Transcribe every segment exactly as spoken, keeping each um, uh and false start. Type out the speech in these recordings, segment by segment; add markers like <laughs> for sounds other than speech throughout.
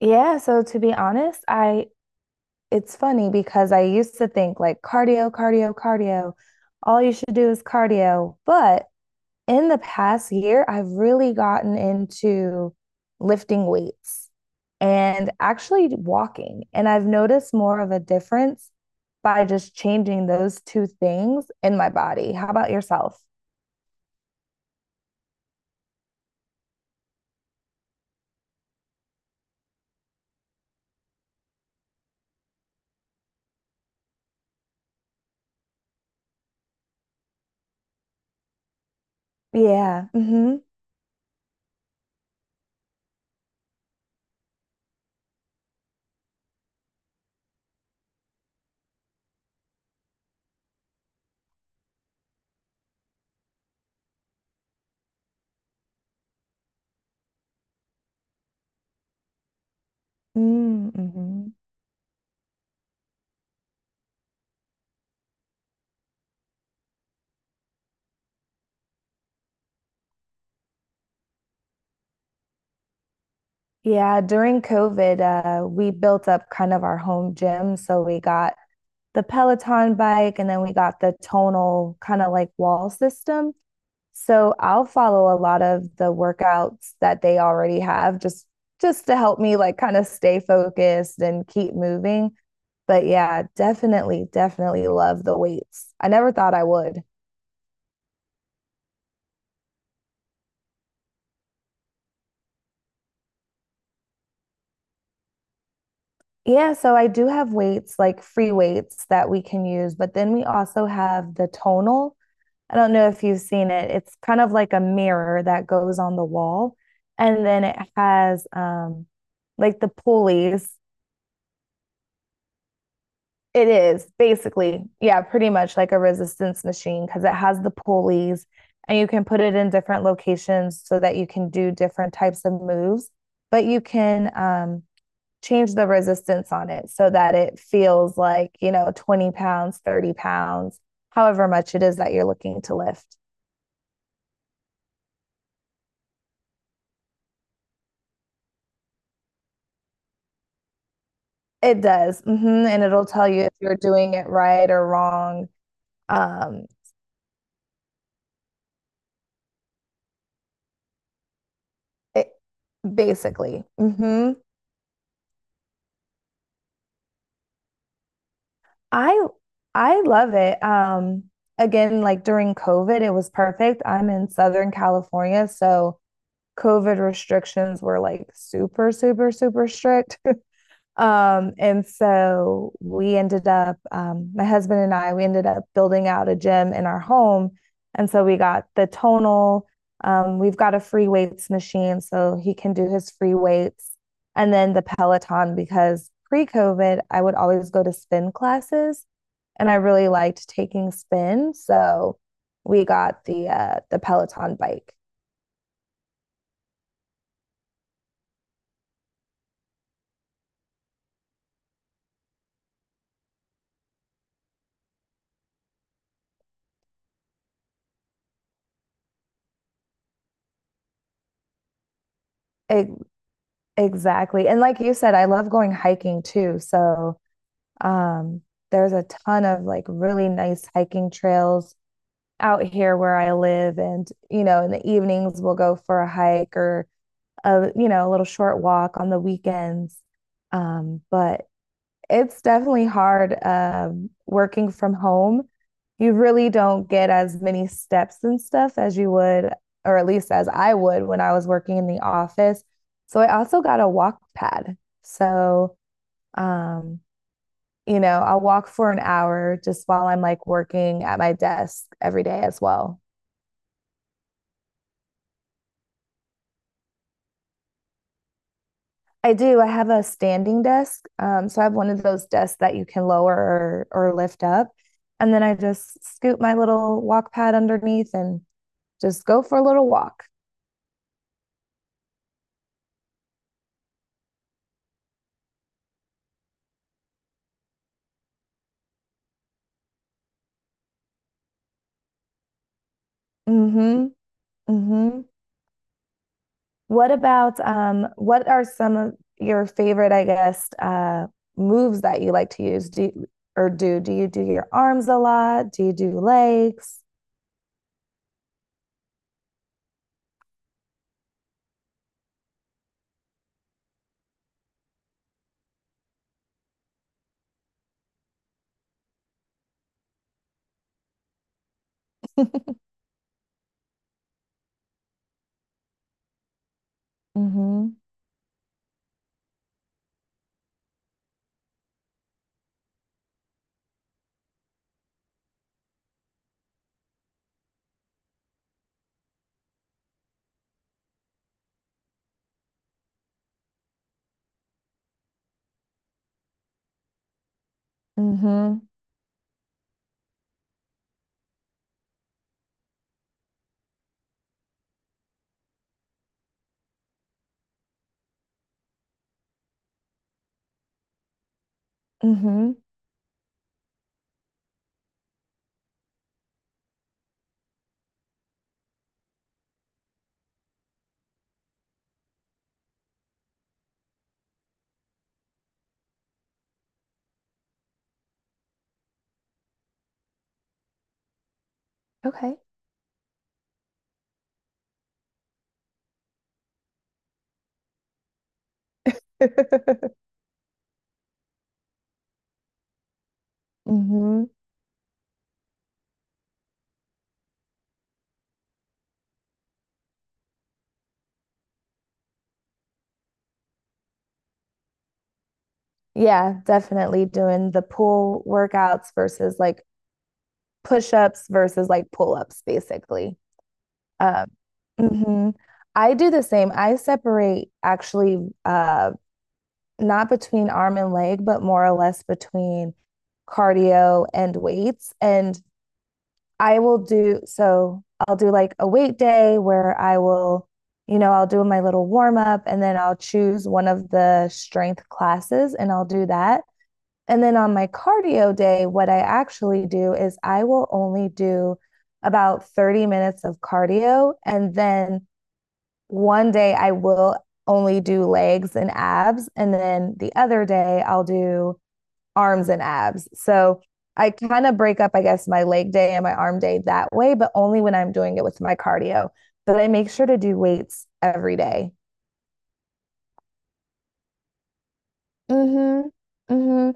Yeah, so to be honest, I it's funny because I used to think like cardio, cardio, cardio. All you should do is cardio. But in the past year, I've really gotten into lifting weights and actually walking. And I've noticed more of a difference by just changing those two things in my body. How about yourself? Yeah. Mm-hmm. Mm-hmm. Yeah, during COVID, uh, we built up kind of our home gym. So we got the Peloton bike and then we got the tonal kind of like wall system. So I'll follow a lot of the workouts that they already have just just to help me like kind of stay focused and keep moving. But yeah, definitely, definitely love the weights. I never thought I would. Yeah, so I do have weights, like free weights that we can use, but then we also have the tonal. I don't know if you've seen it. It's kind of like a mirror that goes on the wall, and then it has um like the pulleys. It is basically, yeah, pretty much like a resistance machine because it has the pulleys and you can put it in different locations so that you can do different types of moves, but you can um change the resistance on it so that it feels like, you know, twenty pounds, thirty pounds, however much it is that you're looking to lift. It does. hmm And it'll tell you if you're doing it right or wrong. Um, it, basically. hmm I I love it. Um, again, like during COVID, it was perfect. I'm in Southern California, so COVID restrictions were like super, super, super strict. Um, and so we ended up, um, my husband and I, we ended up building out a gym in our home. And so we got the tonal, um, we've got a free weights machine so he can do his free weights, and then the Peloton because pre COVID, I would always go to spin classes and I really liked taking spin. So we got the uh, the Peloton bike. E- exactly. And like you said, I love going hiking too. So Um, there's a ton of like really nice hiking trails out here where I live. And, you know, in the evenings we'll go for a hike or a, you know, a little short walk on the weekends. Um, but it's definitely hard um, working from home. You really don't get as many steps and stuff as you would, or at least as I would when I was working in the office. So I also got a walk pad. So um, you know, I'll walk for an hour just while I'm like working at my desk every day as well. I do. I have a standing desk. Um, so I have one of those desks that you can lower or, or lift up. And then I just scoop my little walk pad underneath and just go for a little walk. Mm hmm. Mm hmm. What about, um, what are some of your favorite, I guess, uh, moves that you like to use? Do you, or do, do you do your arms a lot? Do you do legs? Mm hmm. Mm-hmm. Mm-hmm. Okay. <laughs> Mm-hmm. Yeah, definitely doing the pull workouts versus like push-ups versus like pull-ups, basically. Um, mhm. I do the same. I separate actually uh not between arm and leg, but more or less between cardio and weights. And I will do so I'll do like a weight day where I will, you know, I'll do my little warm up and then I'll choose one of the strength classes and I'll do that. And then on my cardio day, what I actually do is I will only do about thirty minutes of cardio. And then one day I will only do legs and abs. And then the other day I'll do arms and abs. So I kind of break up, I guess, my leg day and my arm day that way, but only when I'm doing it with my cardio. But I make sure to do weights every day. Mm-hmm. Mm-hmm.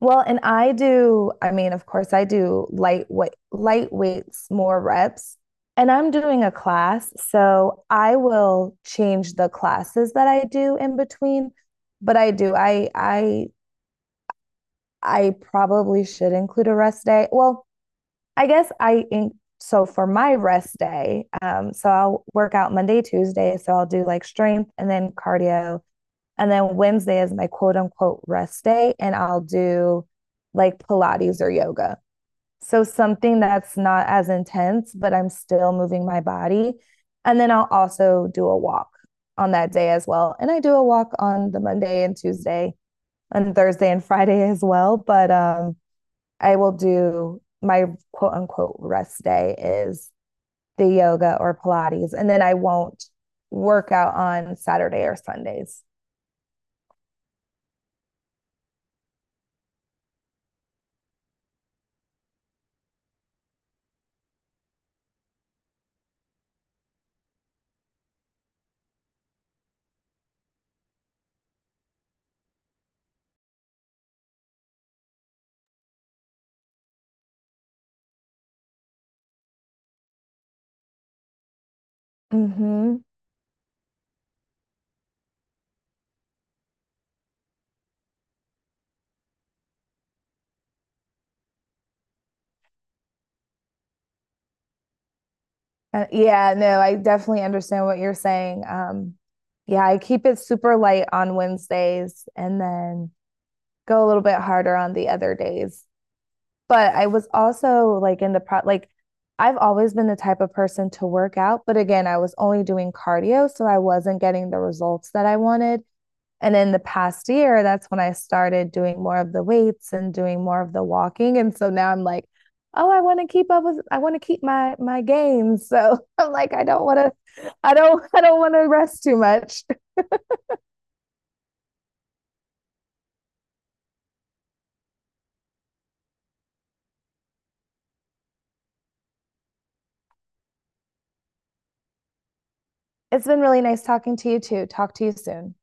Well, and I do, I mean, of course, I do light weight, light weights, more reps. And I'm doing a class, so I will change the classes that I do in between. But I do, I I I probably should include a rest day. Well, I guess I in, so for my rest day, um, so I'll work out Monday, Tuesday. So I'll do like strength and then cardio. And then Wednesday is my quote unquote rest day, and I'll do like Pilates or yoga. So something that's not as intense, but I'm still moving my body. And then I'll also do a walk on that day as well. And I do a walk on the Monday and Tuesday and Thursday and Friday as well. But um, I will do my quote unquote rest day is the yoga or Pilates, and then I won't work out on Saturday or Sundays. Mm-hmm. Uh, yeah, no, I definitely understand what you're saying. Um, yeah, I keep it super light on Wednesdays and then go a little bit harder on the other days. But I was also like in the pro, like I've always been the type of person to work out, but again, I was only doing cardio, so I wasn't getting the results that I wanted. And in the past year, that's when I started doing more of the weights and doing more of the walking. And so now I'm like, oh, I want to keep up with, I want to keep my my gains. <laughs> So I'm like, I don't want to, I don't, I don't want to rest too much. It's been really nice talking to you too. Talk to you soon.